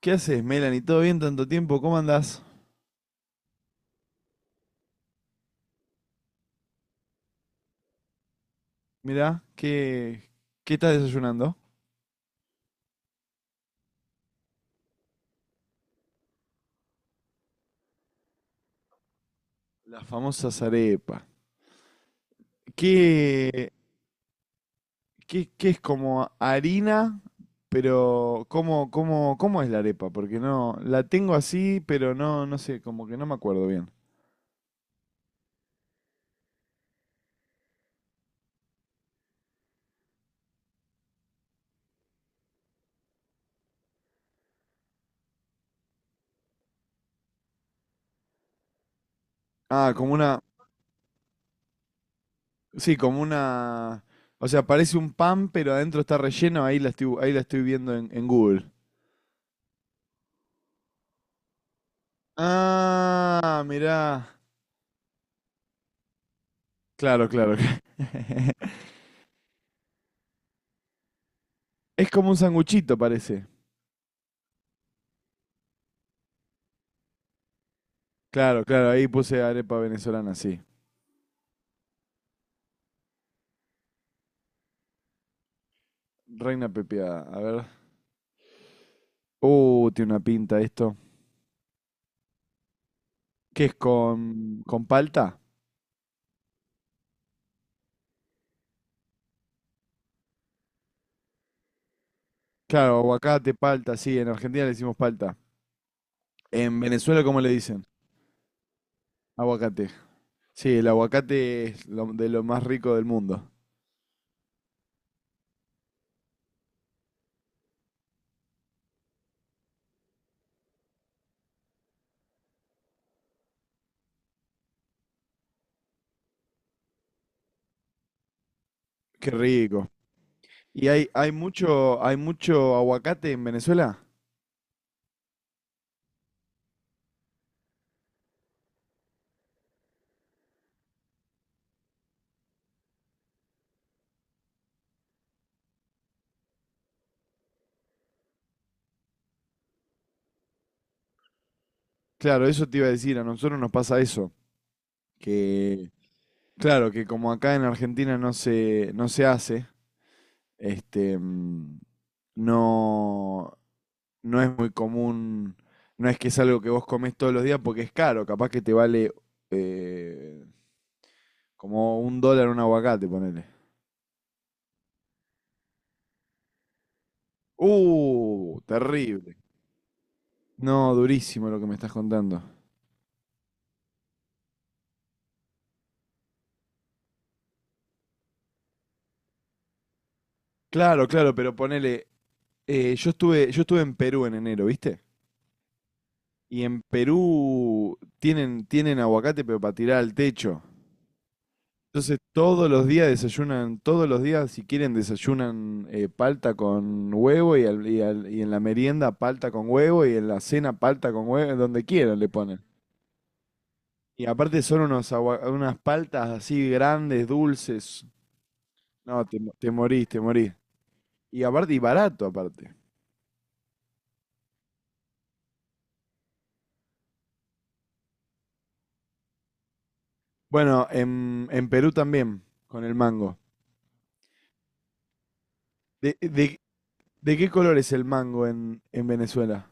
¿Qué haces, Melanie? ¿Todo bien tanto tiempo? ¿Cómo andás? Mirá, ¿qué estás desayunando? Las famosas arepas. ¿Qué, ¿qué es como harina? Pero, ¿cómo es la arepa? Porque no, la tengo así, pero no, no sé, como que no me acuerdo bien. Ah, como una, sí, como una, o sea, parece un pan, pero adentro está relleno, ahí la estoy viendo en Google. Ah, mirá. Claro, claro. Es como un sanguchito, parece. Claro, claro, ahí puse arepa venezolana, sí. Reina pepiada, a ver. Tiene una pinta esto. ¿Qué es con palta? Claro, aguacate, palta, sí, en Argentina le decimos palta. En Venezuela, ¿cómo le dicen? Aguacate. Sí, el aguacate de lo más rico del mundo. Qué rico. ¿Hay hay mucho aguacate en Venezuela? Claro, eso te iba a decir, a nosotros nos pasa eso, que claro, que como acá en Argentina no se hace. Este, mm, no, no es muy común, no es que es algo que vos comés todos los días porque es caro, capaz que te vale eh, como un dólar un aguacate, ponele. Terrible. No, durísimo lo que me estás contando. Claro, claro, pero ponele, yo estuve en Perú en enero, ¿viste? Y en Perú tienen aguacate, pero para tirar al techo. Entonces todos los días desayunan, todos los días si quieren desayunan palta con huevo y en la merienda palta con huevo y en la cena palta con huevo, donde quieran le ponen. Y aparte son unas paltas así grandes, dulces. No, te, mo- te morís, te morís. Y aparte, y barato aparte. Bueno, en Perú también, con el mango. ¿De, de- ¿de qué color es el mango en Venezuela?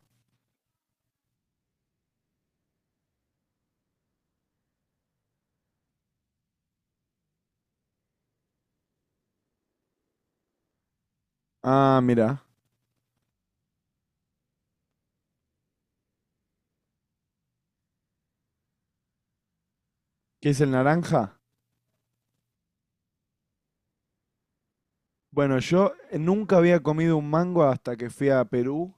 Ah, mira. ¿Qué es el naranja? Bueno, yo nunca había comido un mango hasta que fui a Perú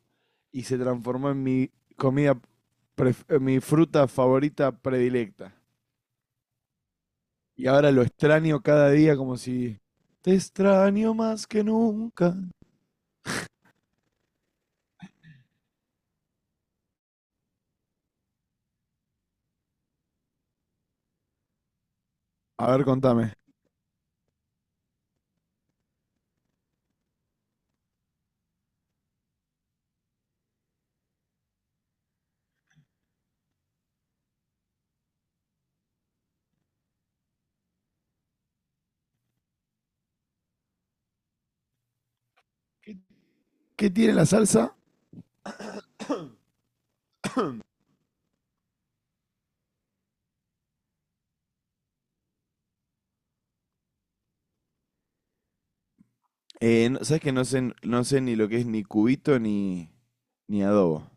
y se transformó en mi comida, en mi fruta favorita predilecta. Y ahora lo extraño cada día como si... Te extraño más que nunca. A ver, contame. ¿Qué, ¿qué tiene la salsa? ¿Sabes que no sé, no sé ni lo que es ni cubito ni, ni adobo?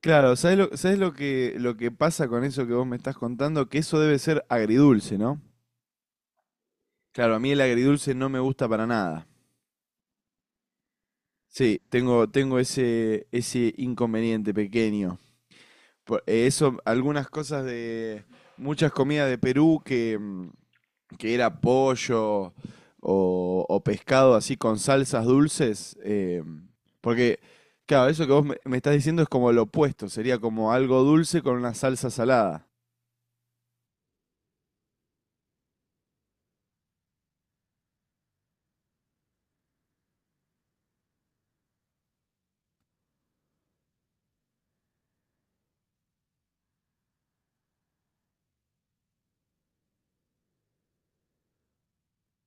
Claro, ¿sabés lo que pasa con eso que vos me estás contando? Que eso debe ser agridulce, ¿no? Claro, a mí el agridulce no me gusta para nada. Sí, tengo ese, ese inconveniente pequeño. Eso, algunas cosas de muchas comidas de Perú que era pollo o pescado así con salsas dulces. Porque, claro, eso que me estás diciendo es como lo opuesto, sería como algo dulce con una salsa salada.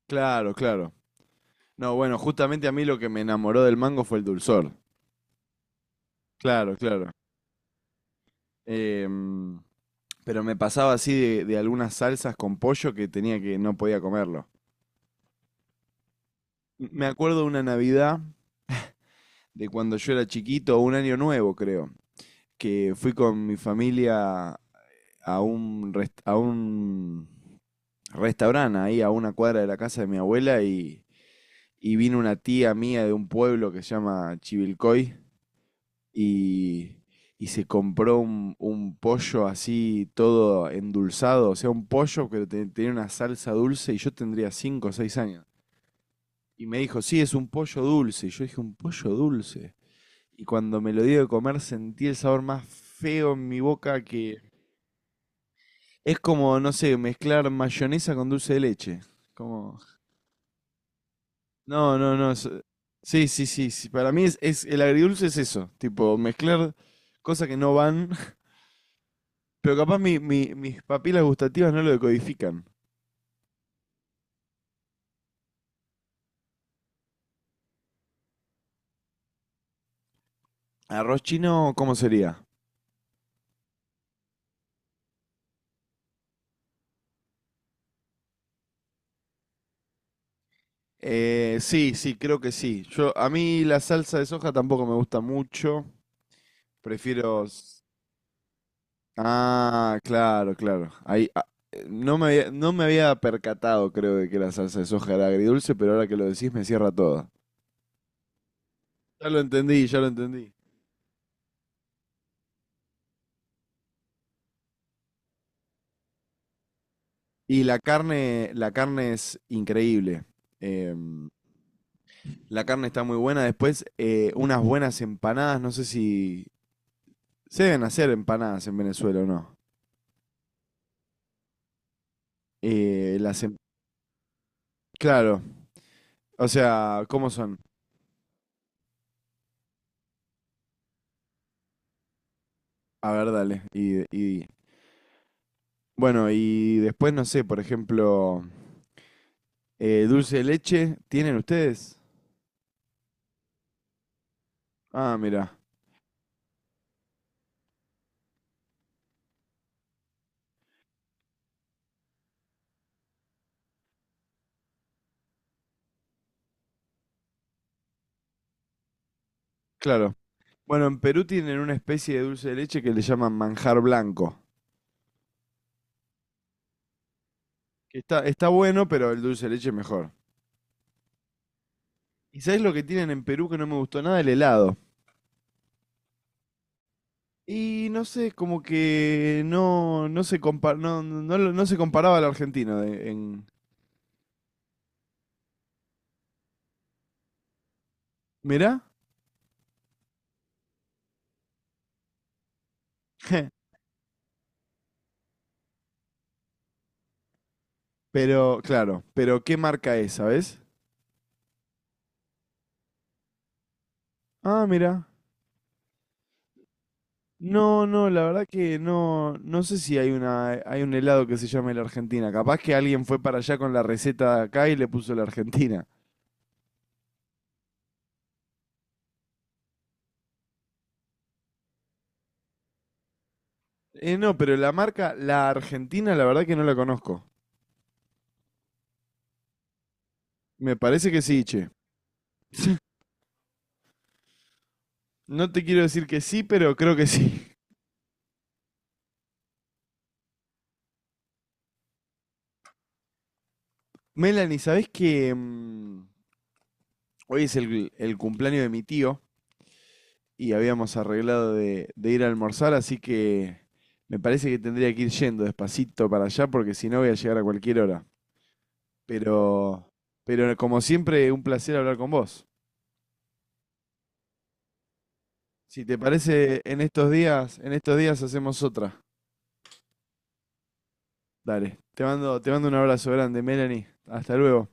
Claro, claro. No, bueno, justamente a mí lo que me enamoró del mango fue el dulzor. Claro, claro. Em, Pero me pasaba así de algunas salsas con pollo que tenía que no podía comerlo. Me acuerdo de una Navidad de cuando yo era chiquito, un año nuevo creo, que fui con mi familia a a un restaurante ahí a una cuadra de la casa de mi abuela y vino una tía mía de un pueblo que se llama Chivilcoy y, y se compró un pollo así todo endulzado, o sea, un pollo tenía una salsa dulce y yo tendría 5 o 6 años. Y me dijo, sí, es un pollo dulce. Y yo dije, ¿un pollo dulce? Y cuando me lo dio de comer sentí el sabor más feo en mi boca que... Es como, no sé, mezclar mayonesa con dulce de leche. Como... No, no, no. Sí, sí, sí, sí. Para mí el agridulce es eso. Tipo, mezclar cosas que no van. Pero capaz mis papilas gustativas no lo decodifican. ¿Arroz chino cómo sería? Sí, sí, creo que sí. Yo, a mí la salsa de soja tampoco me gusta mucho. Prefiero. Ah, claro, claro. Ahí, ah, no me había percatado, creo, de que la salsa de soja era agridulce, pero ahora que lo decís me cierra toda. Ya lo entendí, ya lo entendí. Y la carne es increíble. Em, la carne está muy buena. Después, unas buenas empanadas. No sé si se deben hacer empanadas en Venezuela o no. Eh, las em- claro, o sea, ¿cómo son? A ver, dale. Bueno, y después, no sé, por ejemplo, eh, dulce de leche, ¿tienen ustedes? Ah, mira, claro. Bueno, en Perú tienen una especie de dulce de leche que le llaman manjar blanco. Que está, está bueno, pero el dulce de leche es mejor. ¿Y sabes lo que tienen en Perú que no me gustó nada? El helado. Y no sé, como que no no se comparaba al argentino en... ¿Mirá? Pero, claro, pero ¿qué marca es, sabes? Ah, mira. No, no, la verdad que no, no sé si hay hay un helado que se llame la Argentina. Capaz que alguien fue para allá con la receta de acá y le puso la Argentina. No, pero la marca, la Argentina, la verdad que no la conozco. Me parece que sí, che. No te quiero decir que sí, pero creo que sí. Melanie, ¿sabés que hoy es el cumpleaños de mi tío y habíamos arreglado de ir a almorzar, así que me parece que tendría que ir yendo despacito para allá porque si no voy a llegar a cualquier hora. Pero, pero como siempre, un placer hablar con vos. Si te parece, en estos días hacemos otra. Dale, te mando un abrazo grande, Melanie. Hasta luego.